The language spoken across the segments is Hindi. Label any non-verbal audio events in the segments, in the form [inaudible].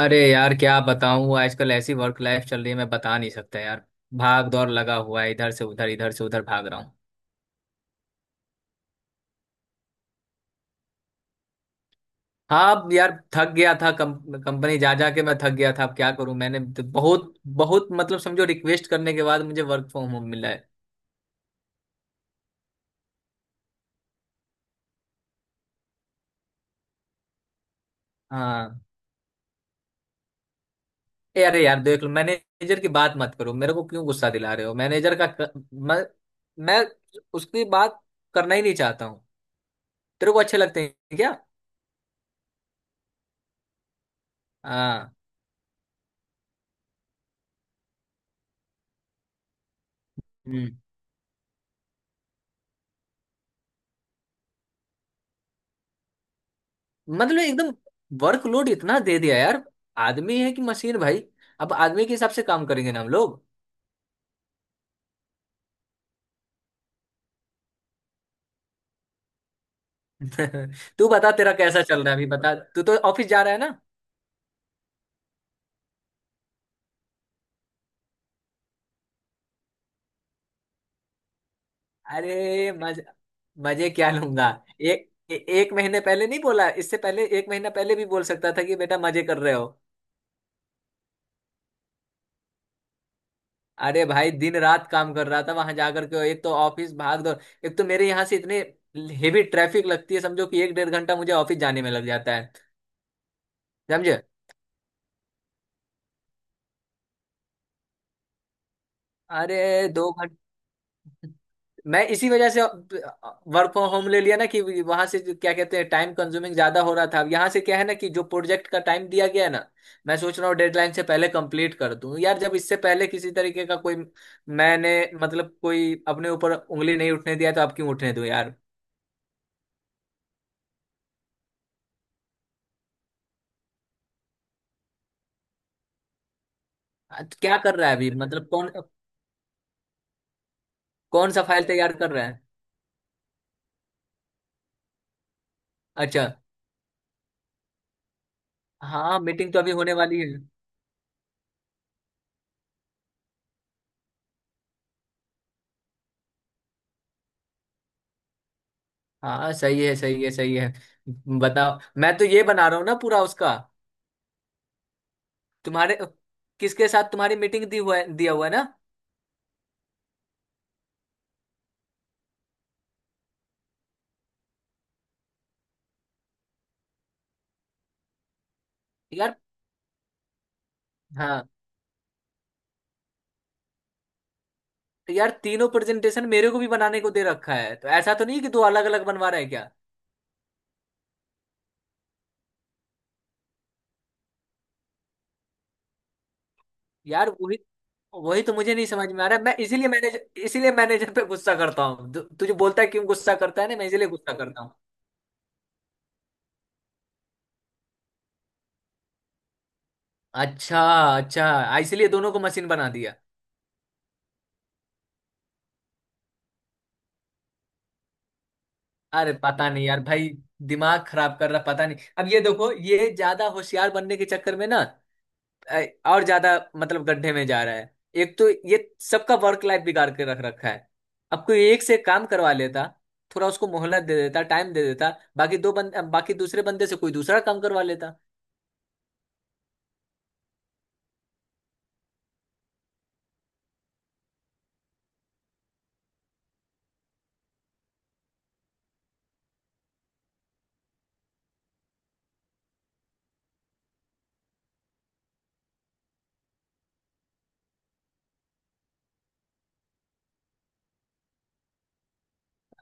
अरे यार क्या बताऊं, आजकल ऐसी वर्क लाइफ चल रही है, मैं बता नहीं सकता यार। भाग दौड़ लगा हुआ है, इधर से उधर भाग रहा हूँ। हाँ। अब यार थक गया था, कंपनी जा जा के मैं थक गया था। अब क्या करूं? मैंने तो बहुत बहुत मतलब समझो रिक्वेस्ट करने के बाद मुझे वर्क फ्रॉम होम मिला है। हाँ। ए अरे यार देख लो, मैनेजर की बात मत करो, मेरे को क्यों गुस्सा दिला रहे हो? मैनेजर का मैं उसकी बात करना ही नहीं चाहता हूँ। तेरे को अच्छे लगते हैं क्या? हाँ। मतलब एकदम वर्कलोड इतना दे दिया यार। आदमी है कि मशीन भाई? अब आदमी के हिसाब से काम करेंगे ना हम लोग। [laughs] तू बता तेरा कैसा चल रहा है? अभी बता, तू तो ऑफिस जा रहा है ना? अरे मज मजे क्या लूंगा? एक महीने पहले नहीं बोला? इससे पहले एक महीना पहले भी बोल सकता था कि बेटा मजे कर रहे हो। अरे भाई दिन रात काम कर रहा था वहां जाकर के। एक तो ऑफिस भाग दौड़, एक तो मेरे यहाँ से इतने हेवी ट्रैफिक लगती है, समझो कि एक 1.5 घंटा मुझे ऑफिस जाने में लग जाता है। समझे? अरे 2 घंटे। मैं इसी वजह से वर्क फ्रॉम होम ले लिया ना, कि वहां से जो क्या कहते हैं टाइम कंज्यूमिंग ज्यादा हो रहा था। अब यहाँ से क्या है ना, कि जो प्रोजेक्ट का टाइम दिया गया है ना, मैं सोच रहा हूँ डेडलाइन से पहले कंप्लीट कर दूं यार। जब इससे पहले किसी तरीके का कोई, मैंने मतलब कोई अपने ऊपर उंगली नहीं उठने दिया, तो अब क्यों उठने दूं यार। क्या कर रहा है अभी, मतलब कौन? कौन सा फाइल तैयार कर रहा है? अच्छा। हाँ मीटिंग तो अभी होने वाली है। हाँ सही है सही है सही है। बताओ मैं तो ये बना रहा हूँ ना पूरा उसका। तुम्हारे किसके साथ तुम्हारी मीटिंग दी हुआ है, दिया हुआ है ना? यार। हाँ तो यार तीनों प्रेजेंटेशन मेरे को भी बनाने को दे रखा है। तो ऐसा तो नहीं कि दो अलग अलग बनवा रहा है क्या? यार वही। वही तो मुझे नहीं समझ में आ रहा है। मैं इसीलिए मैनेजर, इसीलिए मैनेजर पे गुस्सा करता हूँ। तुझे बोलता है क्यों गुस्सा करता है ना, मैं इसीलिए गुस्सा करता हूँ। अच्छा। अच्छा इसलिए दोनों को मशीन बना दिया। अरे पता नहीं यार भाई, दिमाग खराब कर रहा, पता नहीं। अब ये देखो, ये ज्यादा होशियार बनने के चक्कर में ना अ, और ज्यादा मतलब गड्ढे में जा रहा है। एक तो ये सबका वर्क लाइफ बिगाड़ के रख रखा है। अब कोई एक से काम करवा लेता, थोड़ा उसको मोहलत दे देता, टाइम दे देता, बाकी दूसरे बंदे से कोई दूसरा काम करवा लेता।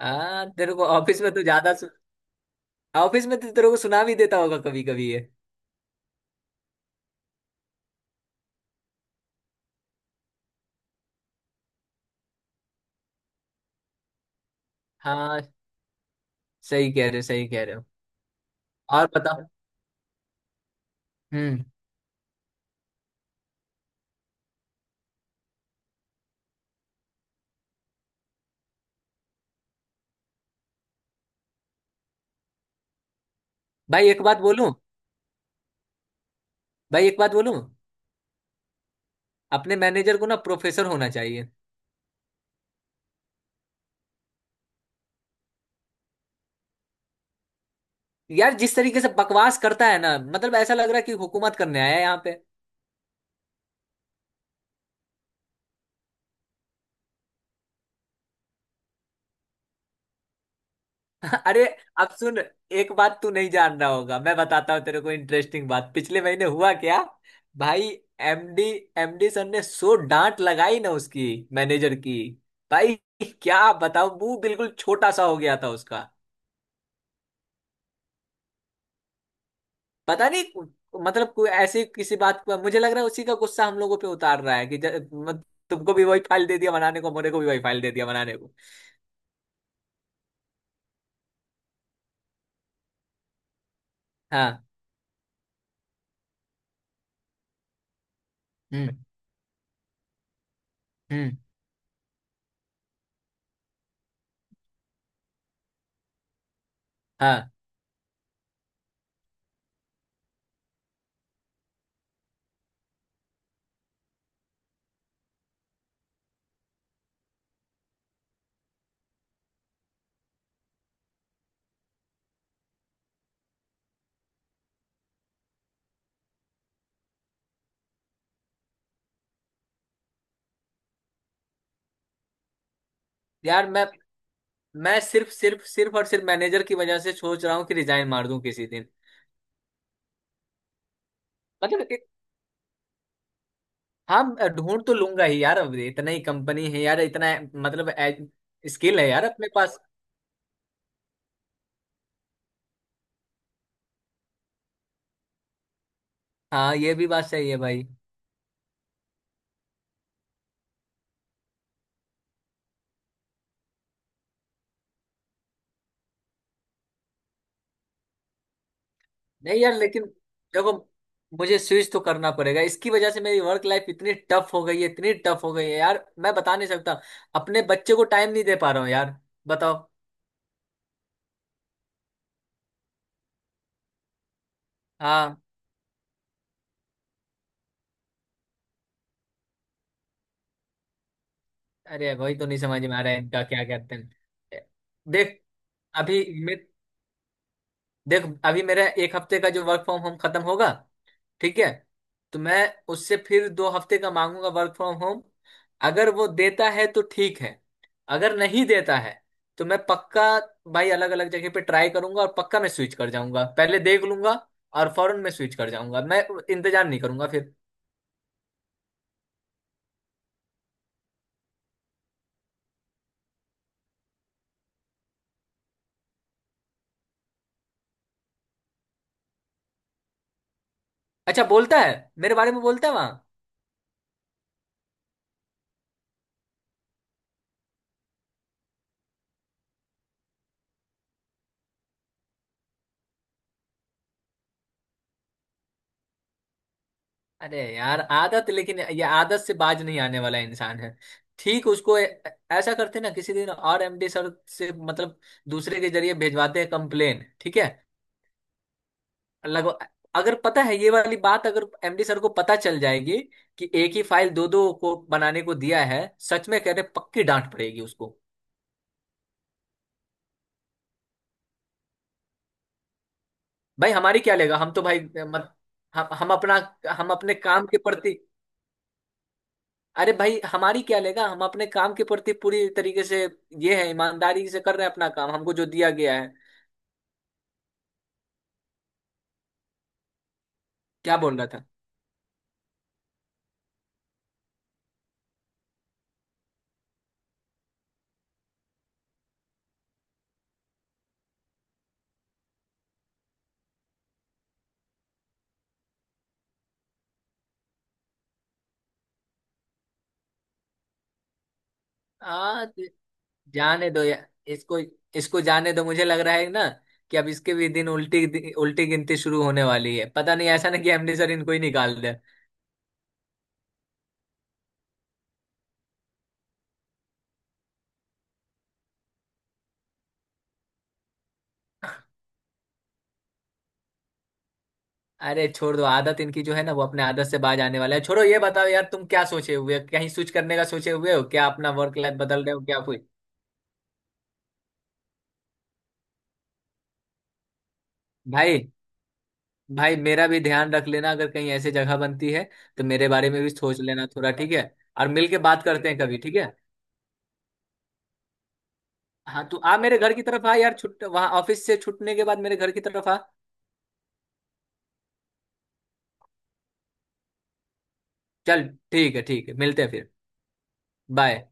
आ तेरे को ऑफिस में तो ज्यादा सु... ऑफिस में तो तेरे को सुना भी देता होगा कभी कभी ये। हाँ सही कह रहे हो सही कह रहे हो। और बताओ। हम्म। भाई एक बात बोलूं? भाई एक बात बोलूं? अपने मैनेजर को ना प्रोफेसर होना चाहिए। यार जिस तरीके से बकवास करता है ना, मतलब ऐसा लग रहा है कि हुकूमत करने आया है यहाँ पे। [laughs] अरे अब सुन। एक बात तू नहीं जान रहा होगा, मैं बताता हूँ तेरे को, इंटरेस्टिंग बात, पिछले महीने हुआ क्या? भाई एमडी एमडी सर ने सो डांट लगाई ना उसकी, मैनेजर की। भाई क्या बताऊं, मुंह बिल्कुल छोटा सा हो गया था उसका। पता नहीं, मतलब कोई ऐसी किसी बात पर मुझे लग रहा है उसी का गुस्सा हम लोगों पे उतार रहा है, कि तुमको भी वही फाइल दे दिया बनाने को, मेरे को भी वही फाइल दे दिया बनाने को। हाँ। हम्म। हम्म। हाँ। यार मैं सिर्फ सिर्फ सिर्फ और सिर्फ मैनेजर की वजह से सोच रहा हूँ कि रिजाइन मार दूं किसी दिन। मतलब कि। हाँ। ढूंढ तो लूंगा ही यार। अब इतना ही कंपनी है यार, इतना मतलब स्किल है यार अपने पास। हाँ ये भी बात सही है भाई। नहीं यार लेकिन देखो, मुझे स्विच तो करना पड़ेगा। इसकी वजह से मेरी वर्क लाइफ इतनी टफ हो गई है, इतनी टफ हो गई है यार, मैं बता नहीं सकता। अपने बच्चे को टाइम नहीं दे पा रहा हूँ यार। बताओ। हाँ। अरे वही तो नहीं समझ में आ रहा है इनका, क्या कहते हैं। देख अभी मैं देख, अभी मेरा एक हफ्ते का जो वर्क फ्रॉम होम खत्म होगा ठीक है, तो मैं उससे फिर 2 हफ्ते का मांगूंगा वर्क फ्रॉम होम। अगर वो देता है तो ठीक है, अगर नहीं देता है तो मैं पक्का, भाई अलग अलग जगह पे ट्राई करूंगा और पक्का मैं स्विच कर जाऊंगा, पहले देख लूंगा और फौरन मैं स्विच कर जाऊंगा, मैं इंतजार नहीं करूंगा फिर। अच्छा बोलता है? मेरे बारे में बोलता है वहां? अरे यार आदत, लेकिन ये आदत से बाज नहीं आने वाला इंसान है। ठीक उसको ऐसा करते ना किसी दिन, और एमडी सर से मतलब दूसरे के जरिए भेजवाते हैं कंप्लेन ठीक है। लग अगर पता है ये वाली बात, अगर एमडी सर को पता चल जाएगी कि एक ही फाइल दो दो को बनाने को दिया है, सच में कह रहे पक्की डांट पड़ेगी उसको। भाई हमारी क्या लेगा? हम तो भाई मत, हम अपना, हम अपने काम के प्रति। अरे भाई हमारी क्या लेगा, हम अपने काम के प्रति पूरी तरीके से ये है, ईमानदारी से कर रहे हैं अपना काम हमको जो दिया गया है। क्या बोल रहा था। आ, जाने दो यार, इसको, इसको जाने दो। मुझे लग रहा है ना कि अब इसके भी दिन उल्टी उल्टी गिनती शुरू होने वाली है। पता नहीं, ऐसा नहीं कि एमडी सर इनको ही निकाल दे। अरे छोड़ दो आदत इनकी, जो है ना वो अपने आदत से बाज आने वाला है। छोड़ो ये बताओ यार, तुम क्या सोचे हुए हो? कहीं स्विच करने का सोचे हुए हो क्या? अपना वर्क लाइफ बदल रहे हो क्या कोई? भाई भाई मेरा भी ध्यान रख लेना, अगर कहीं ऐसी जगह बनती है तो मेरे बारे में भी सोच लेना थोड़ा, ठीक है। और मिल के बात करते हैं कभी, ठीक है। हाँ तू आ, मेरे घर की तरफ आ यार। छुट वहाँ ऑफिस से छुटने के बाद मेरे घर की तरफ आ। चल ठीक है ठीक है, मिलते हैं फिर। बाय।